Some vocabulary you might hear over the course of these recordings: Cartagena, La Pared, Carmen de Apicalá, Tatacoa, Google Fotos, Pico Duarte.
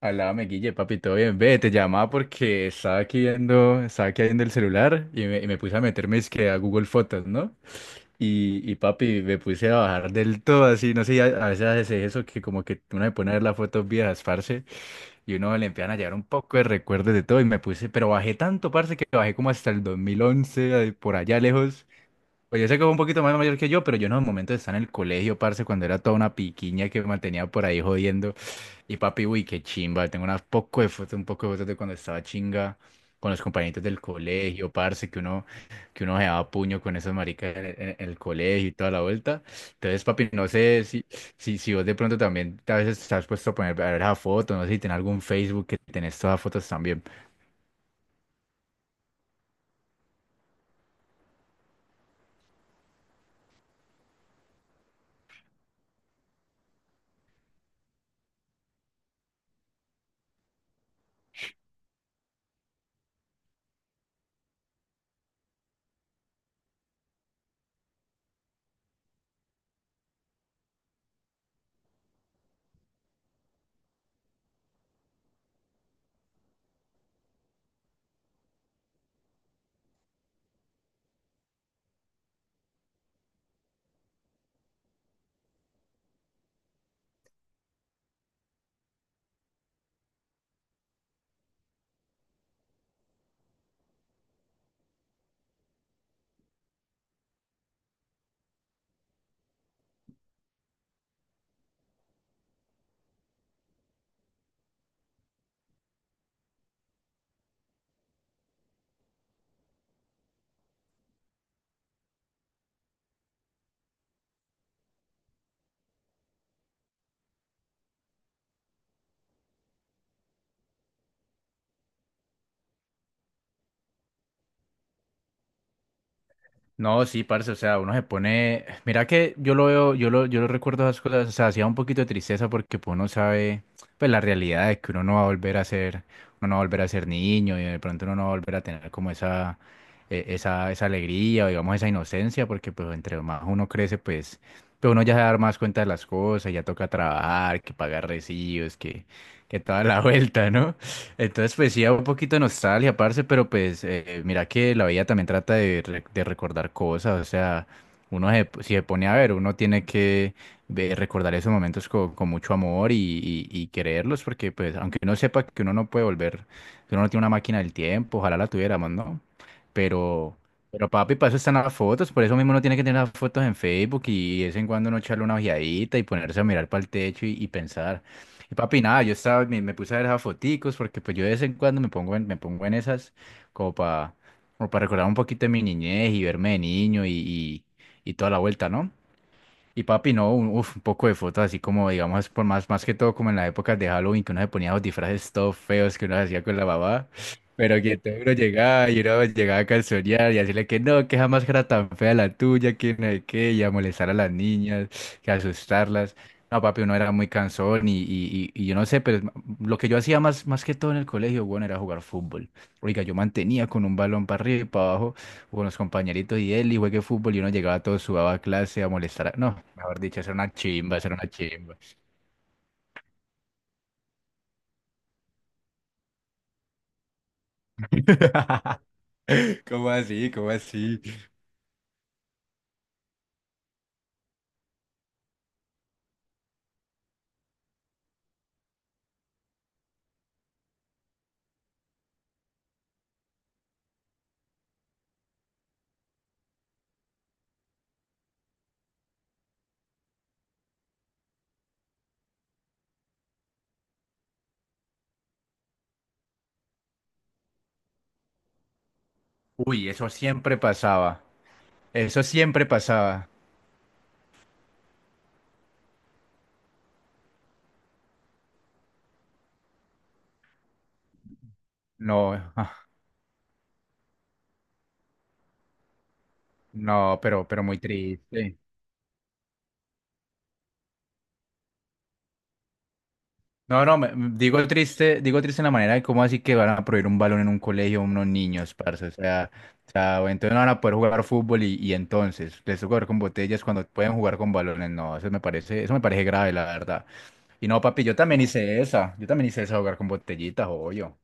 Alame, Guille, papi, todo bien. Ve, te llamaba porque estaba aquí viendo el celular y me puse a meterme es que a Google Fotos, ¿no? Y papi, me puse a bajar del todo así, no sé, a veces hace eso que como que uno se pone a ver las fotos viejas, parce, y uno le empiezan a llevar un poco de recuerdos de todo y me puse, pero bajé tanto, parce, que bajé como hasta el 2011, ahí por allá lejos. Pues yo sé que fue un poquito más mayor que yo, pero yo no, en el momento de estar en el colegio, parce, cuando era toda una piquiña que me mantenía por ahí jodiendo. Y papi, uy, qué chimba. Tengo unas poco de fotos, un poco de fotos de cuando estaba chinga con los compañeritos del colegio, parce, que uno se daba puño con esos maricas en, en el colegio y toda la vuelta. Entonces, papi, no sé si, si vos de pronto también a veces te has puesto a poner a ver esa foto, no sé si tenés algún Facebook que tenés todas las fotos también. No, sí, parce, o sea, uno se pone, mira que yo lo veo, yo lo recuerdo esas cosas, o sea, hacía un poquito de tristeza porque pues, uno sabe, pues la realidad de que uno no va a volver a ser, uno no va a volver a ser niño y de pronto uno no va a volver a tener como esa, esa alegría o digamos esa inocencia porque pues entre más uno crece pues, pues uno ya se da más cuenta de las cosas, ya toca trabajar, que pagar recibos, que toda la vuelta, ¿no? Entonces, pues sí, un poquito de nostalgia, parce, pero pues mira que la vida también trata de, de recordar cosas, o sea, si se pone a ver, uno tiene que recordar esos momentos con mucho amor y quererlos, porque pues aunque uno sepa que uno no puede volver, que uno no tiene una máquina del tiempo, ojalá la tuviéramos, ¿no? Pero, pero papi, para eso están las fotos, por eso mismo uno tiene que tener las fotos en Facebook y, de vez en cuando uno echarle una ojeadita y ponerse a mirar para el techo y pensar. Y papi, nada, me puse a ver esas foticos porque pues yo de vez en cuando me pongo en esas como para como para recordar un poquito de mi niñez y verme de niño y toda la vuelta, ¿no? Y papi, no, uf, un poco de fotos así como, digamos, por más, más que todo como en las épocas de Halloween, que uno se ponía los disfraces todos feos que uno hacía con la mamá, pero que todo uno llegaba y uno llegaba a calzonear y decirle que no, que jamás era tan fea la tuya, que no sé qué, y a molestar a las niñas, que asustarlas. No, papi, uno era muy cansón y yo no sé, pero lo que yo hacía más, más que todo en el colegio, bueno, era jugar fútbol. Oiga, yo mantenía con un balón para arriba y para abajo con los compañeritos y él, y juegue fútbol, y uno llegaba todo sudado a clase a molestar. No, mejor dicho, hacer una chimba, hacer una chimba. ¿Cómo así? ¿Cómo así? Uy, eso siempre pasaba. Eso siempre pasaba. No, ah, no, pero muy triste. No, no, digo triste en la manera de cómo así que van a prohibir un balón en un colegio a unos niños, parce. O sea, o sea, o entonces no van a poder jugar fútbol y entonces les toca jugar con botellas cuando pueden jugar con balones. No, eso me parece grave, la verdad. Y no, papi, yo también hice esa. Yo también hice esa jugar con botellitas, obvio.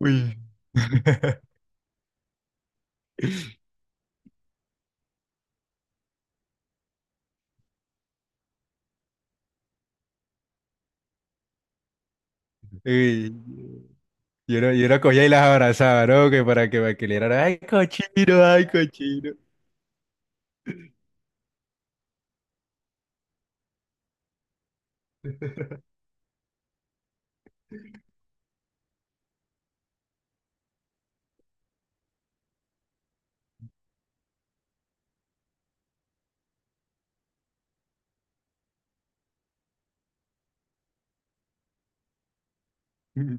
Uy. Uy. Yo no, yo no cogía y las abrazaba, ¿no? Que para que, para que le dieran, ay, cochino, ay, cochino.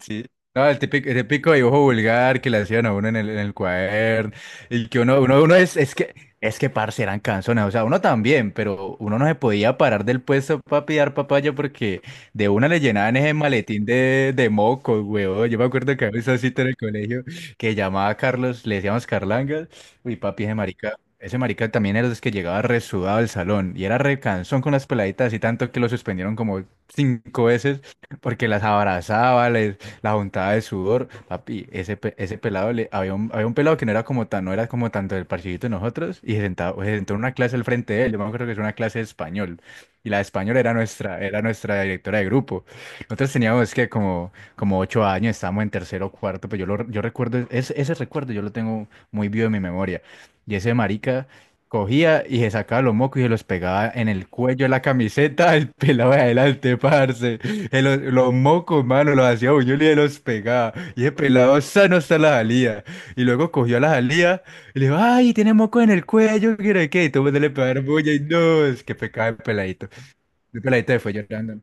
Sí. No, el típico dibujo vulgar que le hacían a uno en el cuaderno. Y que uno es que parce eran canzones. O sea, uno también, pero uno no se podía parar del puesto para pillar papaya porque de una le llenaban ese maletín de mocos, weón. Yo me acuerdo que había esa cita en el colegio que llamaba a Carlos, le decíamos Carlangas, uy, papi, ese marica. Ese marica también era de los que llegaba resudado al salón y era re cansón con las peladitas y tanto que lo suspendieron como cinco veces porque las abrazaba, les, la juntaba de sudor. Papi, ese pelado, le, había un pelado que no era como tan, no era como tanto del parchidito de nosotros, se sentó en una clase al frente de él. Yo me acuerdo que es una clase de español, y la de español era nuestra directora de grupo. Nosotros teníamos que como, como ocho años, estábamos en tercero o cuarto, pero yo recuerdo, ese recuerdo yo lo tengo muy vivo en mi memoria. Y ese marica cogía y se sacaba los mocos y se los pegaba en el cuello de la camiseta del pelado de adelante, parce. Los mocos, mano, los hacía buñuelos y los pegaba. Y ese pelado sano está la jalía. Y luego cogió a la jalía y le dijo, ay, tiene moco en el cuello, ¿qué era qué? Y todo el mundo le pegaron bulla y no, es que pecado el peladito. El peladito se fue llorando.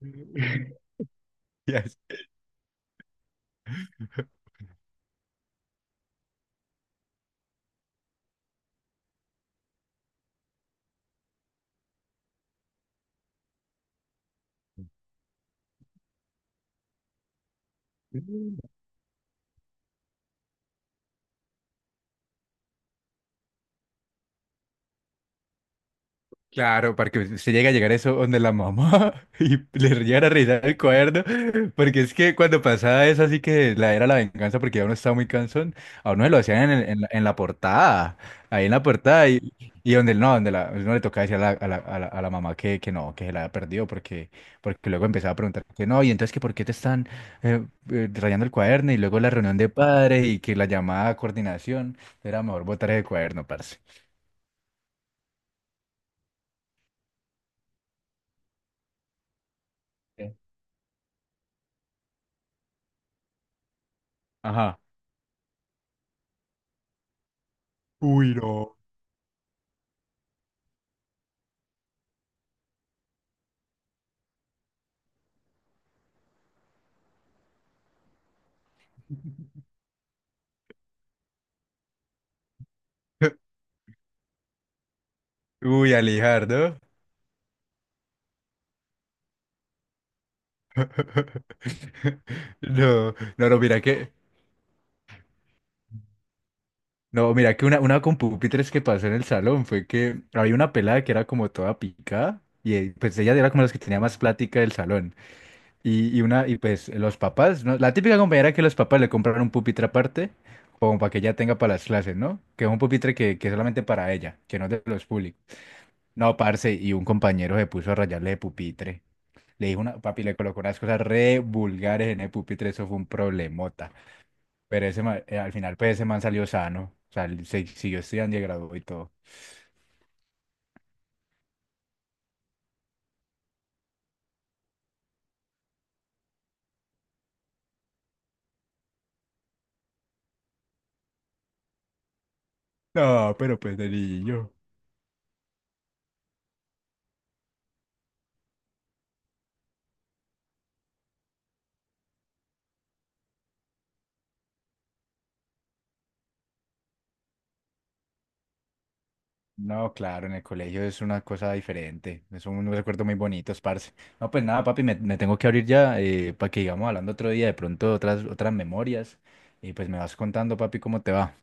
Y así. Claro, para que se llegue a llegar eso donde la mamá y le llegan a revisar el cuaderno, porque es que cuando pasaba eso así que la era la venganza porque ya uno estaba muy cansón, a uno se lo hacían en, en la portada, ahí en la portada y donde no, donde la, uno le tocaba decir a a la mamá que no, que se la había perdido porque, porque luego empezaba a preguntar que no, y entonces que por qué te están eh, rayando el cuaderno y luego la reunión de padres y que la llamada a coordinación era mejor botar el cuaderno, parce. Sí. Ajá. Uy, no. Uy, Alijardo. No, no, no, mira que, no, mira que una con pupitres que pasó en el salón fue que había una pelada que era como toda picada y pues ella era como las que tenía más plática del salón. Y pues los papás, ¿no? La típica compañera que los papás le compraron un pupitre aparte, como para que ella tenga para las clases, ¿no? Que es un pupitre que es solamente para ella, que no es de los públicos. No, parce, y un compañero se puso a rayarle de pupitre. Le dijo una, papi, le colocó unas cosas re vulgares en el pupitre, eso fue un problemota. Pero al final, pues ese man salió sano. O sea, él se siguió estudiando y se graduó y todo. No, pero pues de niño. No, claro, en el colegio es una cosa diferente. Son unos recuerdos muy bonitos, parce. No, pues nada, papi, me tengo que abrir ya para que sigamos hablando otro día, de pronto otras memorias. Y pues me vas contando, papi, cómo te va.